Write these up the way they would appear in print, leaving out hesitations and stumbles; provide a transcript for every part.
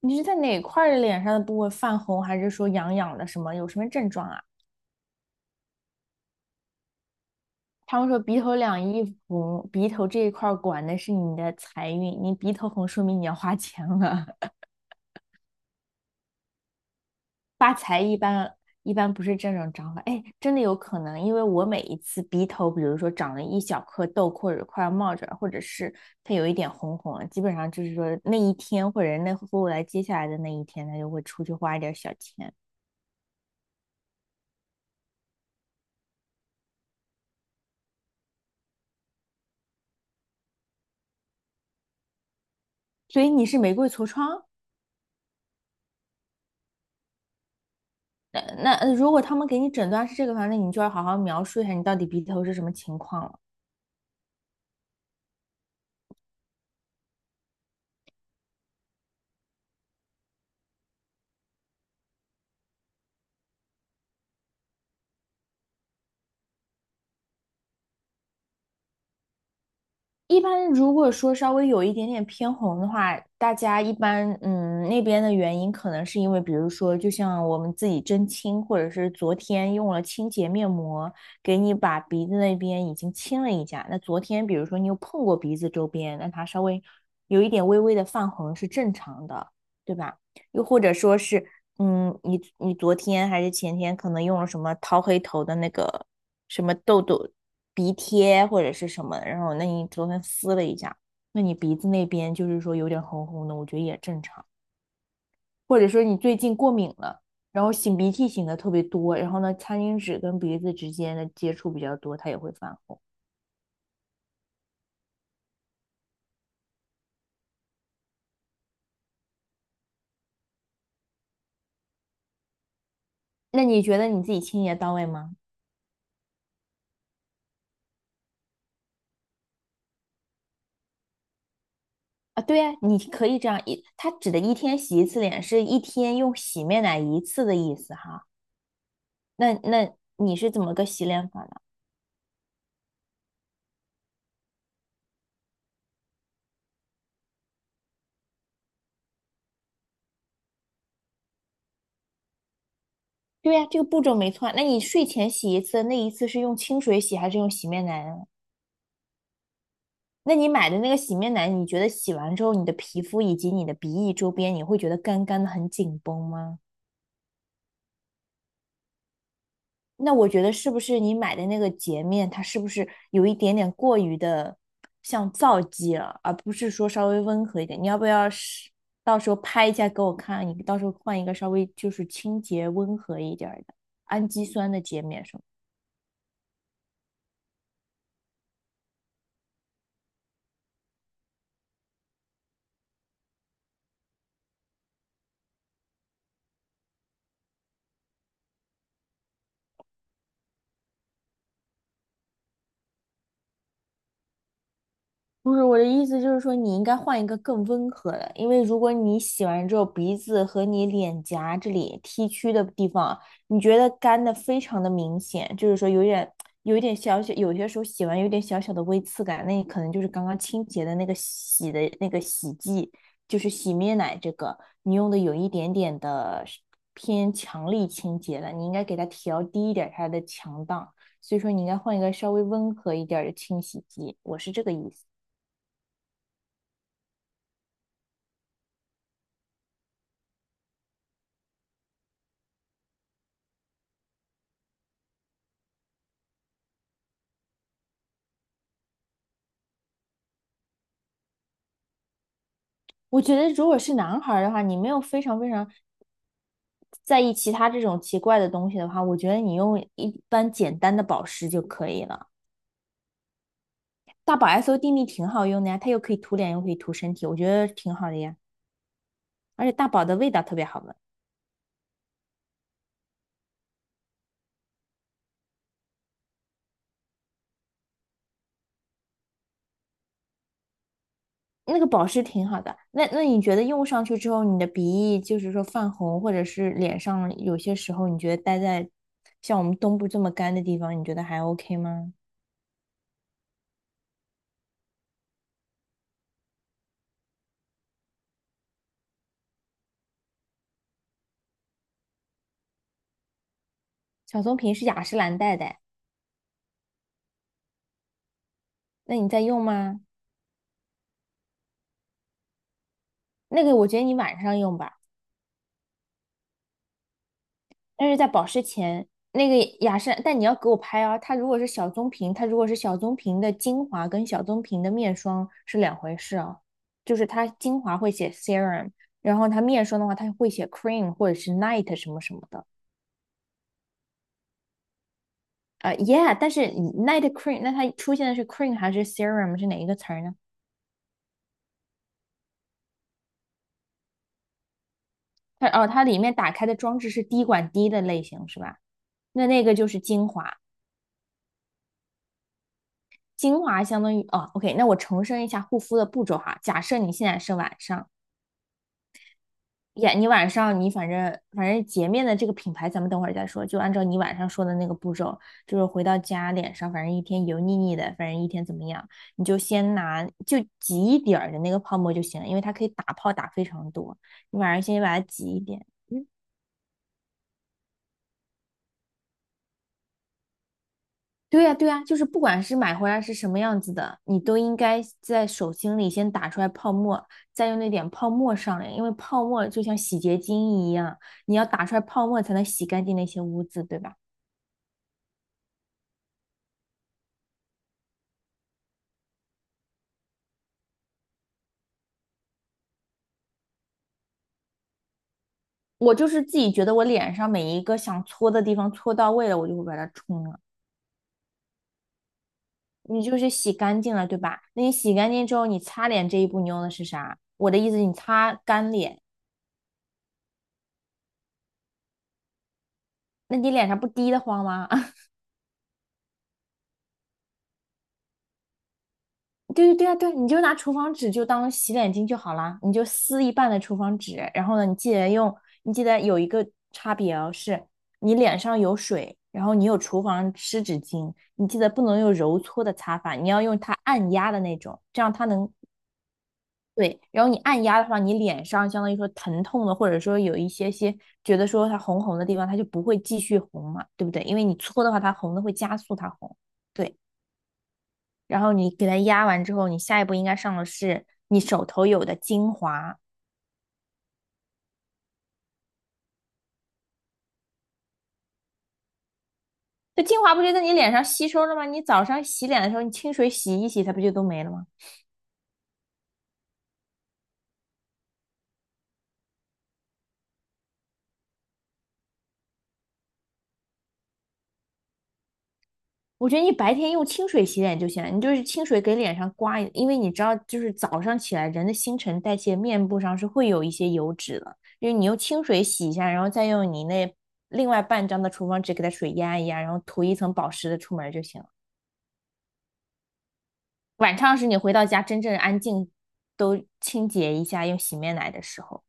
你是在哪块儿的脸上的部位泛红，还是说痒痒的什么？有什么症状啊？他们说鼻头两翼红，鼻头这一块儿管的是你的财运，你鼻头红说明你要花钱了。发财一般不是这种长法，哎，真的有可能，因为我每一次鼻头，比如说长了一小颗痘，或者快要冒出来，或者是它有一点红红了，基本上就是说那一天或者那后来接下来的那一天，它就会出去花一点小钱。所以你是玫瑰痤疮？那如果他们给你诊断是这个的话，那你就要好好描述一下你到底鼻头是什么情况了。一般如果说稍微有一点点偏红的话，大家一般那边的原因可能是因为，比如说，就像我们自己针清，或者是昨天用了清洁面膜，给你把鼻子那边已经清了一下。那昨天比如说你有碰过鼻子周边，那它稍微有一点微微的泛红是正常的，对吧？又或者说是，嗯，你昨天还是前天可能用了什么掏黑头的那个什么痘痘、鼻贴或者是什么，然后那你昨天撕了一下，那你鼻子那边就是说有点红红的，我觉得也正常。或者说你最近过敏了，然后擤鼻涕擤的特别多，然后呢，餐巾纸跟鼻子之间的接触比较多，它也会泛红。那你觉得你自己清洁到位吗？啊，对呀，你可以这样一，它指的一天洗一次脸是一天用洗面奶一次的意思哈。那你是怎么个洗脸法呢？对呀，这个步骤没错啊。那你睡前洗一次，那一次是用清水洗还是用洗面奶啊？那你买的那个洗面奶，你觉得洗完之后，你的皮肤以及你的鼻翼周边，你会觉得干干的很紧绷吗？那我觉得是不是你买的那个洁面，它是不是有一点点过于的像皂基了，而不是说稍微温和一点？你要不要是到时候拍一下给我看？你到时候换一个稍微就是清洁温和一点儿的氨基酸的洁面什么的。不是我的意思，就是说你应该换一个更温和的，因为如果你洗完之后鼻子和你脸颊这里 T 区的地方，你觉得干的非常的明显，就是说有一点小小，有些时候洗完有点小小的微刺感，那你可能就是刚刚清洁的那个洗的那个洗剂，就是洗面奶这个，你用的有一点点的偏强力清洁了，你应该给它调低一点它的强档，所以说你应该换一个稍微温和一点儿的清洗剂，我是这个意思。我觉得，如果是男孩儿的话，你没有非常非常在意其他这种奇怪的东西的话，我觉得你用一般简单的保湿就可以了。大宝 S O D 蜜挺好用的呀，它又可以涂脸，又可以涂身体，我觉得挺好的呀。而且大宝的味道特别好闻，那个保湿挺好的。那你觉得用上去之后，你的鼻翼就是说泛红，或者是脸上有些时候你觉得待在像我们东部这么干的地方，你觉得还 OK 吗？小棕瓶是雅诗兰黛的，那你在用吗？那个我觉得你晚上用吧。但是在保湿前，那个雅诗兰，但你要给我拍啊。它如果是小棕瓶，它如果是小棕瓶的精华跟小棕瓶的面霜是两回事啊。就是它精华会写 serum，然后它面霜的话，它会写 cream 或者是 night 什么什么的。yeah，但是 night cream，那它出现的是 cream 还是 serum 是哪一个词儿呢？它哦，它里面打开的装置是滴管滴的类型是吧？那那个就是精华，精华相当于哦，OK，那我重申一下护肤的步骤哈。假设你现在是晚上。呀，你晚上你反正洁面的这个品牌，咱们等会儿再说。就按照你晚上说的那个步骤，就是回到家脸上，反正一天油腻腻的，反正一天怎么样，你就先拿就挤一点儿的那个泡沫就行了，因为它可以打泡打非常多。你晚上先把它挤一点。嗯，对呀，对呀，就是不管是买回来是什么样子的，你都应该在手心里先打出来泡沫，再用那点泡沫上来，因为泡沫就像洗洁精一样，你要打出来泡沫才能洗干净那些污渍，对吧？我就是自己觉得我脸上每一个想搓的地方搓到位了，我就会把它冲了。你就是洗干净了，对吧？那你洗干净之后，你擦脸这一步你用的是啥？我的意思，你擦干脸，那你脸上不滴得慌吗？对对对啊，对啊，你就拿厨房纸就当洗脸巾就好啦，你就撕一半的厨房纸，然后呢，你记得用，你记得有一个差别哦，是你脸上有水，然后你有厨房湿纸巾，你记得不能用揉搓的擦法，你要用它按压的那种，这样它能，对，然后你按压的话，你脸上相当于说疼痛的，或者说有一些些觉得说它红红的地方，它就不会继续红嘛，对不对？因为你搓的话，它红的会加速它红。对，然后你给它压完之后，你下一步应该上的是你手头有的精华。这精华不就在你脸上吸收了吗？你早上洗脸的时候，你清水洗一洗，它不就都没了吗？我觉得你白天用清水洗脸就行了，你就是清水给脸上刮一，因为你知道，就是早上起来人的新陈代谢，面部上是会有一些油脂的，就是你用清水洗一下，然后再用你那另外半张的厨房纸给它水压一压，然后涂一层保湿的出门就行了。晚上是你回到家真正安静，都清洁一下用洗面奶的时候。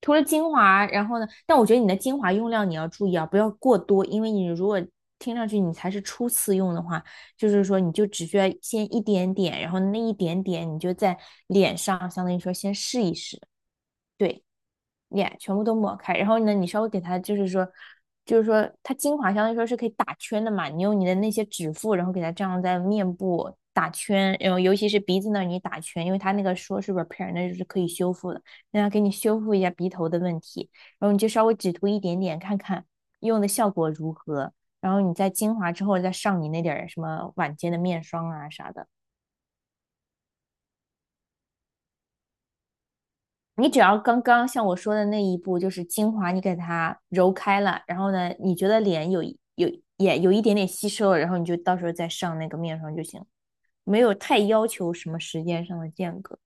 涂了精华，然后呢，但我觉得你的精华用量你要注意啊，不要过多，因为你如果听上去你才是初次用的话，就是说你就只需要先一点点，然后那一点点你就在脸上，相当于说先试一试。对，脸全部都抹开，然后呢，你稍微给它就是说，就是说它精华相当于说是可以打圈的嘛，你用你的那些指腹，然后给它这样在面部打圈，然后尤其是鼻子那儿你打圈，因为它那个说是 repair，那就是可以修复的，让它给你修复一下鼻头的问题，然后你就稍微只涂一点点看看用的效果如何，然后你在精华之后再上你那点儿什么晚间的面霜啊啥的。你只要刚刚像我说的那一步，就是精华，你给它揉开了，然后呢，你觉得脸有一有也有一点点吸收了，然后你就到时候再上那个面霜就行，没有太要求什么时间上的间隔。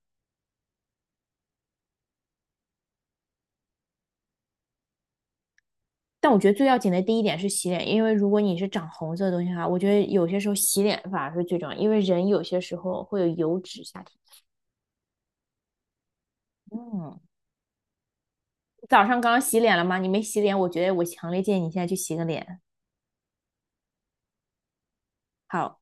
但我觉得最要紧的第一点是洗脸，因为如果你是长红色的东西的话，我觉得有些时候洗脸反而是最重要，因为人有些时候会有油脂下体。嗯，早上刚刚洗脸了吗？你没洗脸，我觉得我强烈建议你现在去洗个脸。好。